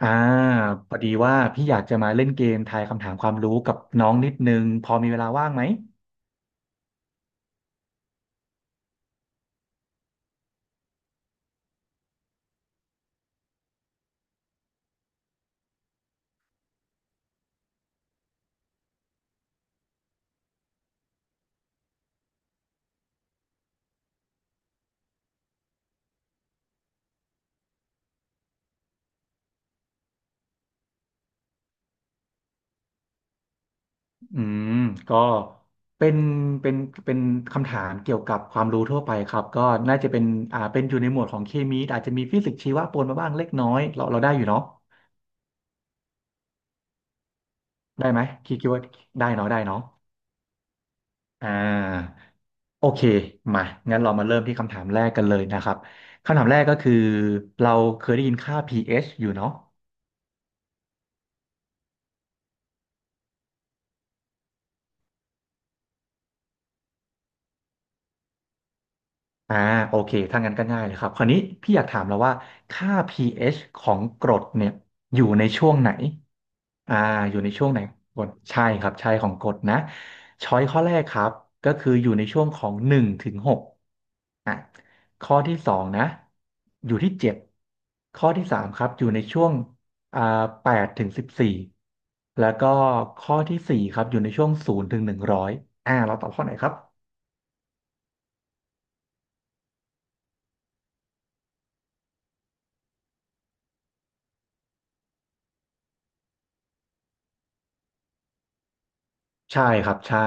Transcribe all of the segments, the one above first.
อ่าพอดีว่าพี่อยากจะมาเล่นเกมทายคำถามความรู้กับน้องนิดนึงพอมีเวลาว่างไหมอืมก็เป็นเป็นเป็นคำถามเกี่ยวกับความรู้ทั่วไปครับก็น่าจะเป็นอยู่ในหมวดของเคมีอาจจะมีฟิสิกส์ชีวะปนมาบ้างเล็กน้อยเราได้อยู่เนาะได้ไหมคิดว่าได้เนาะได้เนาะอ่าโอเคมางั้นเรามาเริ่มที่คำถามแรกกันเลยนะครับคำถามแรกก็คือเราเคยได้ยินค่า pH อชอยู่เนาะ อ่าโอเคถ้างั้นก็ง่ายเลยครับคราวนี้พี่อยากถามแล้วว่าค่า pH ของกรดเนี่ยอยู่ในช่วงไหนอ่าอยู่ในช่วงไหนกรดใช่ครับใช่ของกรดนะช้อยข้อแรกครับก็คืออยู่ในช่วงของหนึ่งถึงหกอ่ะข้อที่สองนะอยู่ที่เจ็ดข้อที่สามครับอยู่ในช่วงอ่าแปดถึงสิบสี่แล้วก็ข้อที่สี่ครับอยู่ในช่วง0-100เราตอบข้อไหนครับใช่ครับใช่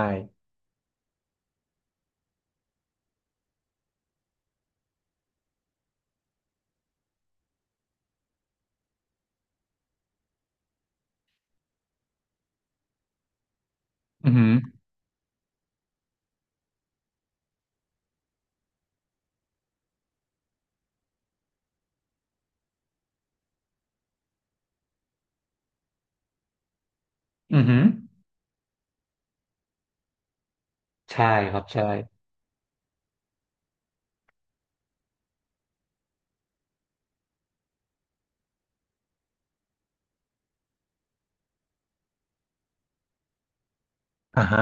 อือหืออือหือ ใช่ครับใช่อ่าฮะ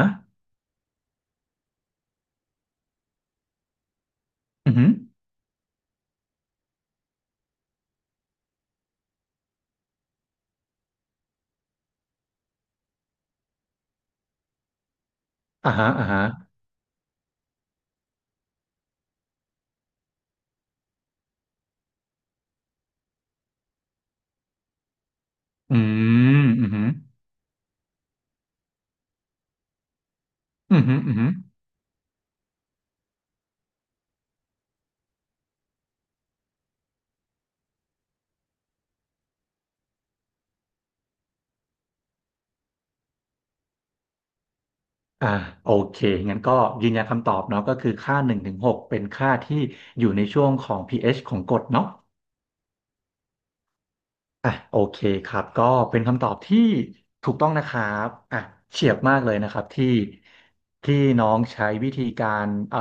อือืออ่าฮะอ่าฮะอืม อือืออือืออือืออ่าโอเคงั้นก็ยืนยันคำตอบเนาะก็คือค่าหนึ่งถึงหกเป็นค่าที่อยู่ในช่วงของ pH ของกรดเนาะ อ่ะโอเคครับก็เป็นคำตอบที่ถูกต้องนะครับอ่ะเฉียบมากเลยนะครับที่น้องใช้วิธีการ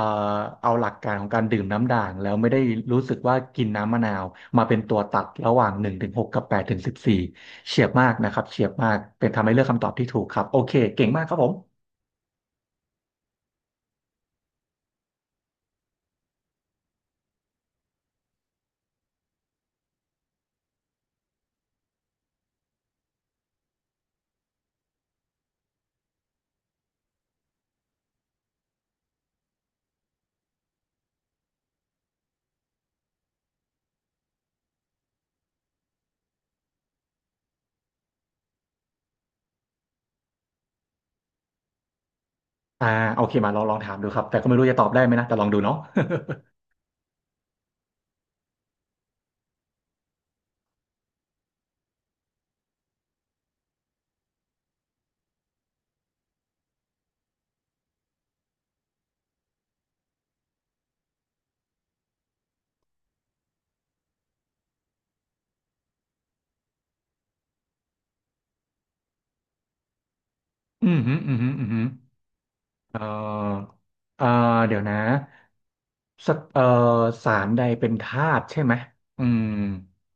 เอาหลักการของการดื่มน้ำด่างแล้วไม่ได้รู้สึกว่ากินน้ำมะนาวมาเป็นตัวตัดระหว่างหนึ่งถึงหกกับแปดถึงสิบสี่เฉียบมากนะครับเฉียบมากเป็นทำให้เลือกคำตอบที่ถูกครับโอเคเก่งมากครับผมอ่าโอเคมาลองลองถามดูครับแต่ก็ไม่รู้จะตอบได้ไหมนะแต่ลองดูเนาะ อืมฮึอืมฮึอืมฮึ เอ่อเอ่อเดี๋ยวนะสักสารใดเป็นธาตุใช่ไหมอืม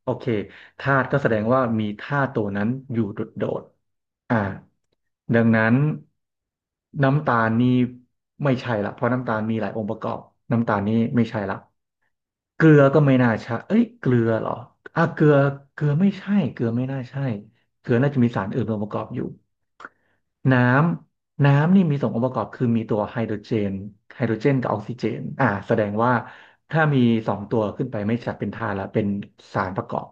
โอเคธาตุก็แสดงว่ามีธาตุตัวนั้นอยู่โดดๆดังนั้นน้ำตาลนี่ไม่ใช่ละเพราะน้ำตาลมีหลายองค์ประกอบน้ำตาลนี่ไม่ใช่ละ เกลือก็ไม่น่าใช่เอ้ยเกลือเหรออ่ะเกลือ เกลือไม่ใช่เกลือไม่น่าใช่เกลือน่าจะมีสารอื่นองค์ประกอบอยู่ น้น้ำนี่มีสององค์ประกอบคือมีตัวไฮโดรเจนกับออกซิเจนแสดงว่าถ้ามีสองตัวขึ้นไปไม่ใช่เป็นธาตุละเป็นสารประกอบ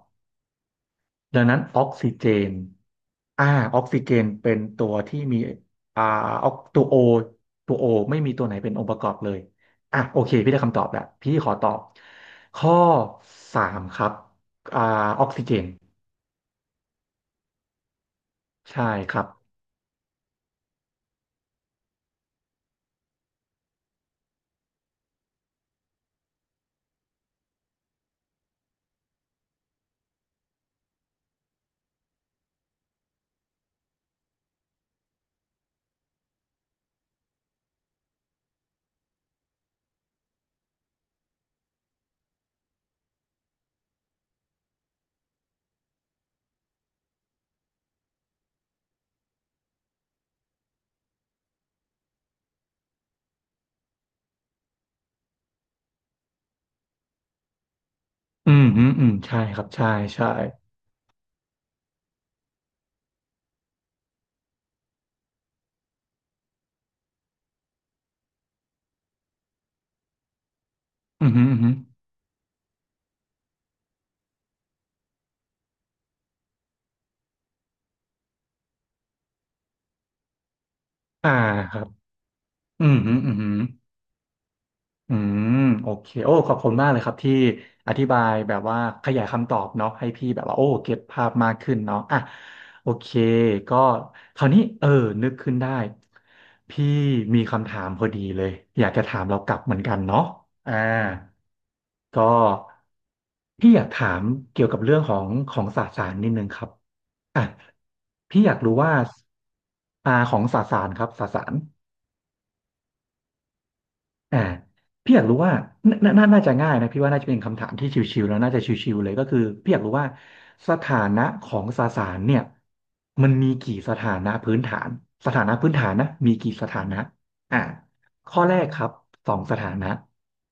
ดังนั้นนอ่าออกซิเจนเป็นตัวที่มีอ่าออกตัวโอไม่มีตัวไหนเป็นองค์ประกอบเลยอ่ะโอเคพี่ได้คำตอบแล้วพี่ขอตอบข้อสามครับอ่าออกซิเจนใช่ครับอืมฮึอืมใช่ครับใช่ใช่อืมฮึอืมฮึอ่าครับอืมฮึอืมฮึ อืมโอเคโอ้ขอบคุณมากเลยครับที่อธิบายแบบว่าขยายคำตอบเนาะให้พี่แบบว่าโอ้เก็ตภาพมากขึ้นเนาะอ่ะโอเคก็คราวนี้เออนึกขึ้นได้พี่มีคำถามพอดีเลยอยากจะถามเรากลับเหมือนกันเนาะอ่าก็พี่อยากถามเกี่ยวกับเรื่องของของสสารนิดนึงครับอ่ะพี่อยากรู้ว่าของสสารครับสสาร อ่าพี่อยากรู้ว่าน่าจะง่ายนะพี่ว่าน่าจะเป็นคำถามที่ชิวๆแล้วน่าจะชิวๆเลยก็คือพี่อยากรู้ว่าสถานะของสสารเนี่ยมันมีกี่สถานะพื้นฐานสถานะพื้นฐานนะมีกี่สถานะอ่าข้อแรกครับสองสถานะ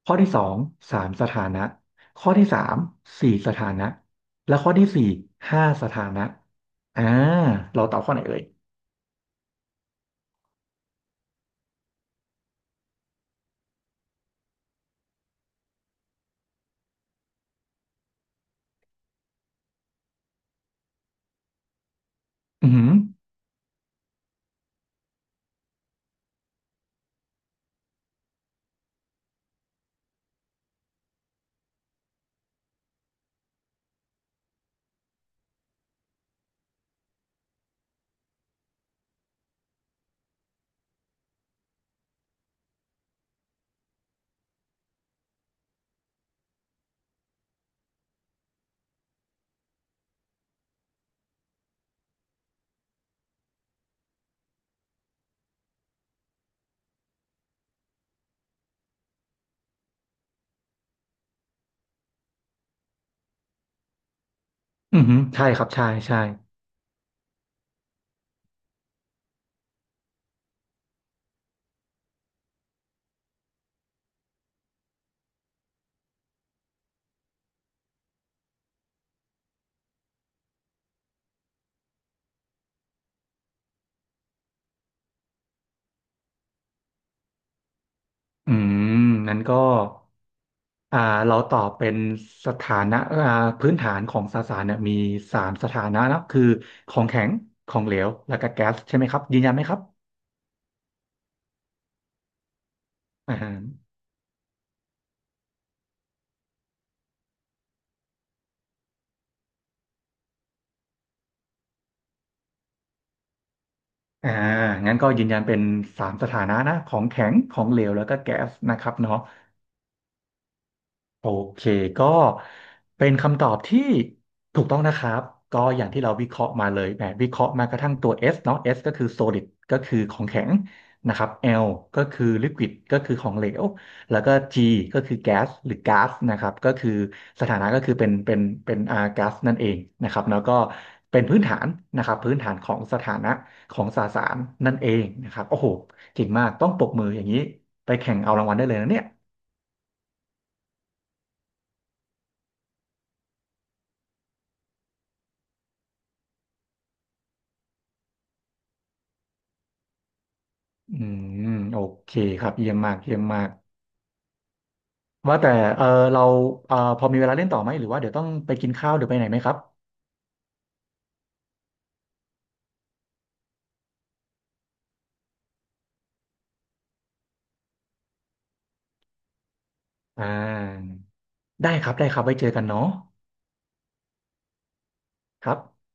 ข้อที่สองสามสถานะข้อที่สามสี่สถานะและข้อที่สี่ห้าสถานะอ่าเราตอบข้อไหนเอ่ยอือหืออือหือใช่ครับใช่ใช่ อืมนั้นก็อ่าเราตอบเป็นสถานะพื้นฐานของสสารเนี่ยมีสามสถานะนะคือของแข็งของเหลวแล้วก็แก๊สใช่ไหมครับยืนยันไหมครับอ่าอ่างั้นก็ยืนยันเป็นสามสถานะนะของแข็งของเหลวแล้วก็แก๊สนะครับเนาะ โอเคก็เป็นคำตอบที่ถูกต้องนะครับก็อย่างที่เราวิเคราะห์มาเลยแหมวิเคราะห์มากระทั่งตัว S เนาะ S ก็คือ solid ก็คือของแข็งนะครับ L ก็คือ liquid ก็คือของเหลวแล้วก็ G ก็คือ gas หรือ gas นะครับก็คือสถานะก็คือเป็น gas นั่นเองนะครับแล้วก็เป็นพื้นฐานนะครับพื้นฐานของสถานะของสสารนั่นเองนะครับโอ้โหเก่งมากต้องปรบมืออย่างนี้ไปแข่งเอารางวัลได้เลยนะเนี่ย อืมโอเคครับเยี่ยมมากเยี่ยมมากว่าแต่เออเราพอมีเวลาเล่นต่อไหมหรือว่าเดี๋ยวต้องไปกินข้าวหรือไปไหนไหมครับอ่าได้ครับได้ครับไว้เจอกันเนาะครับ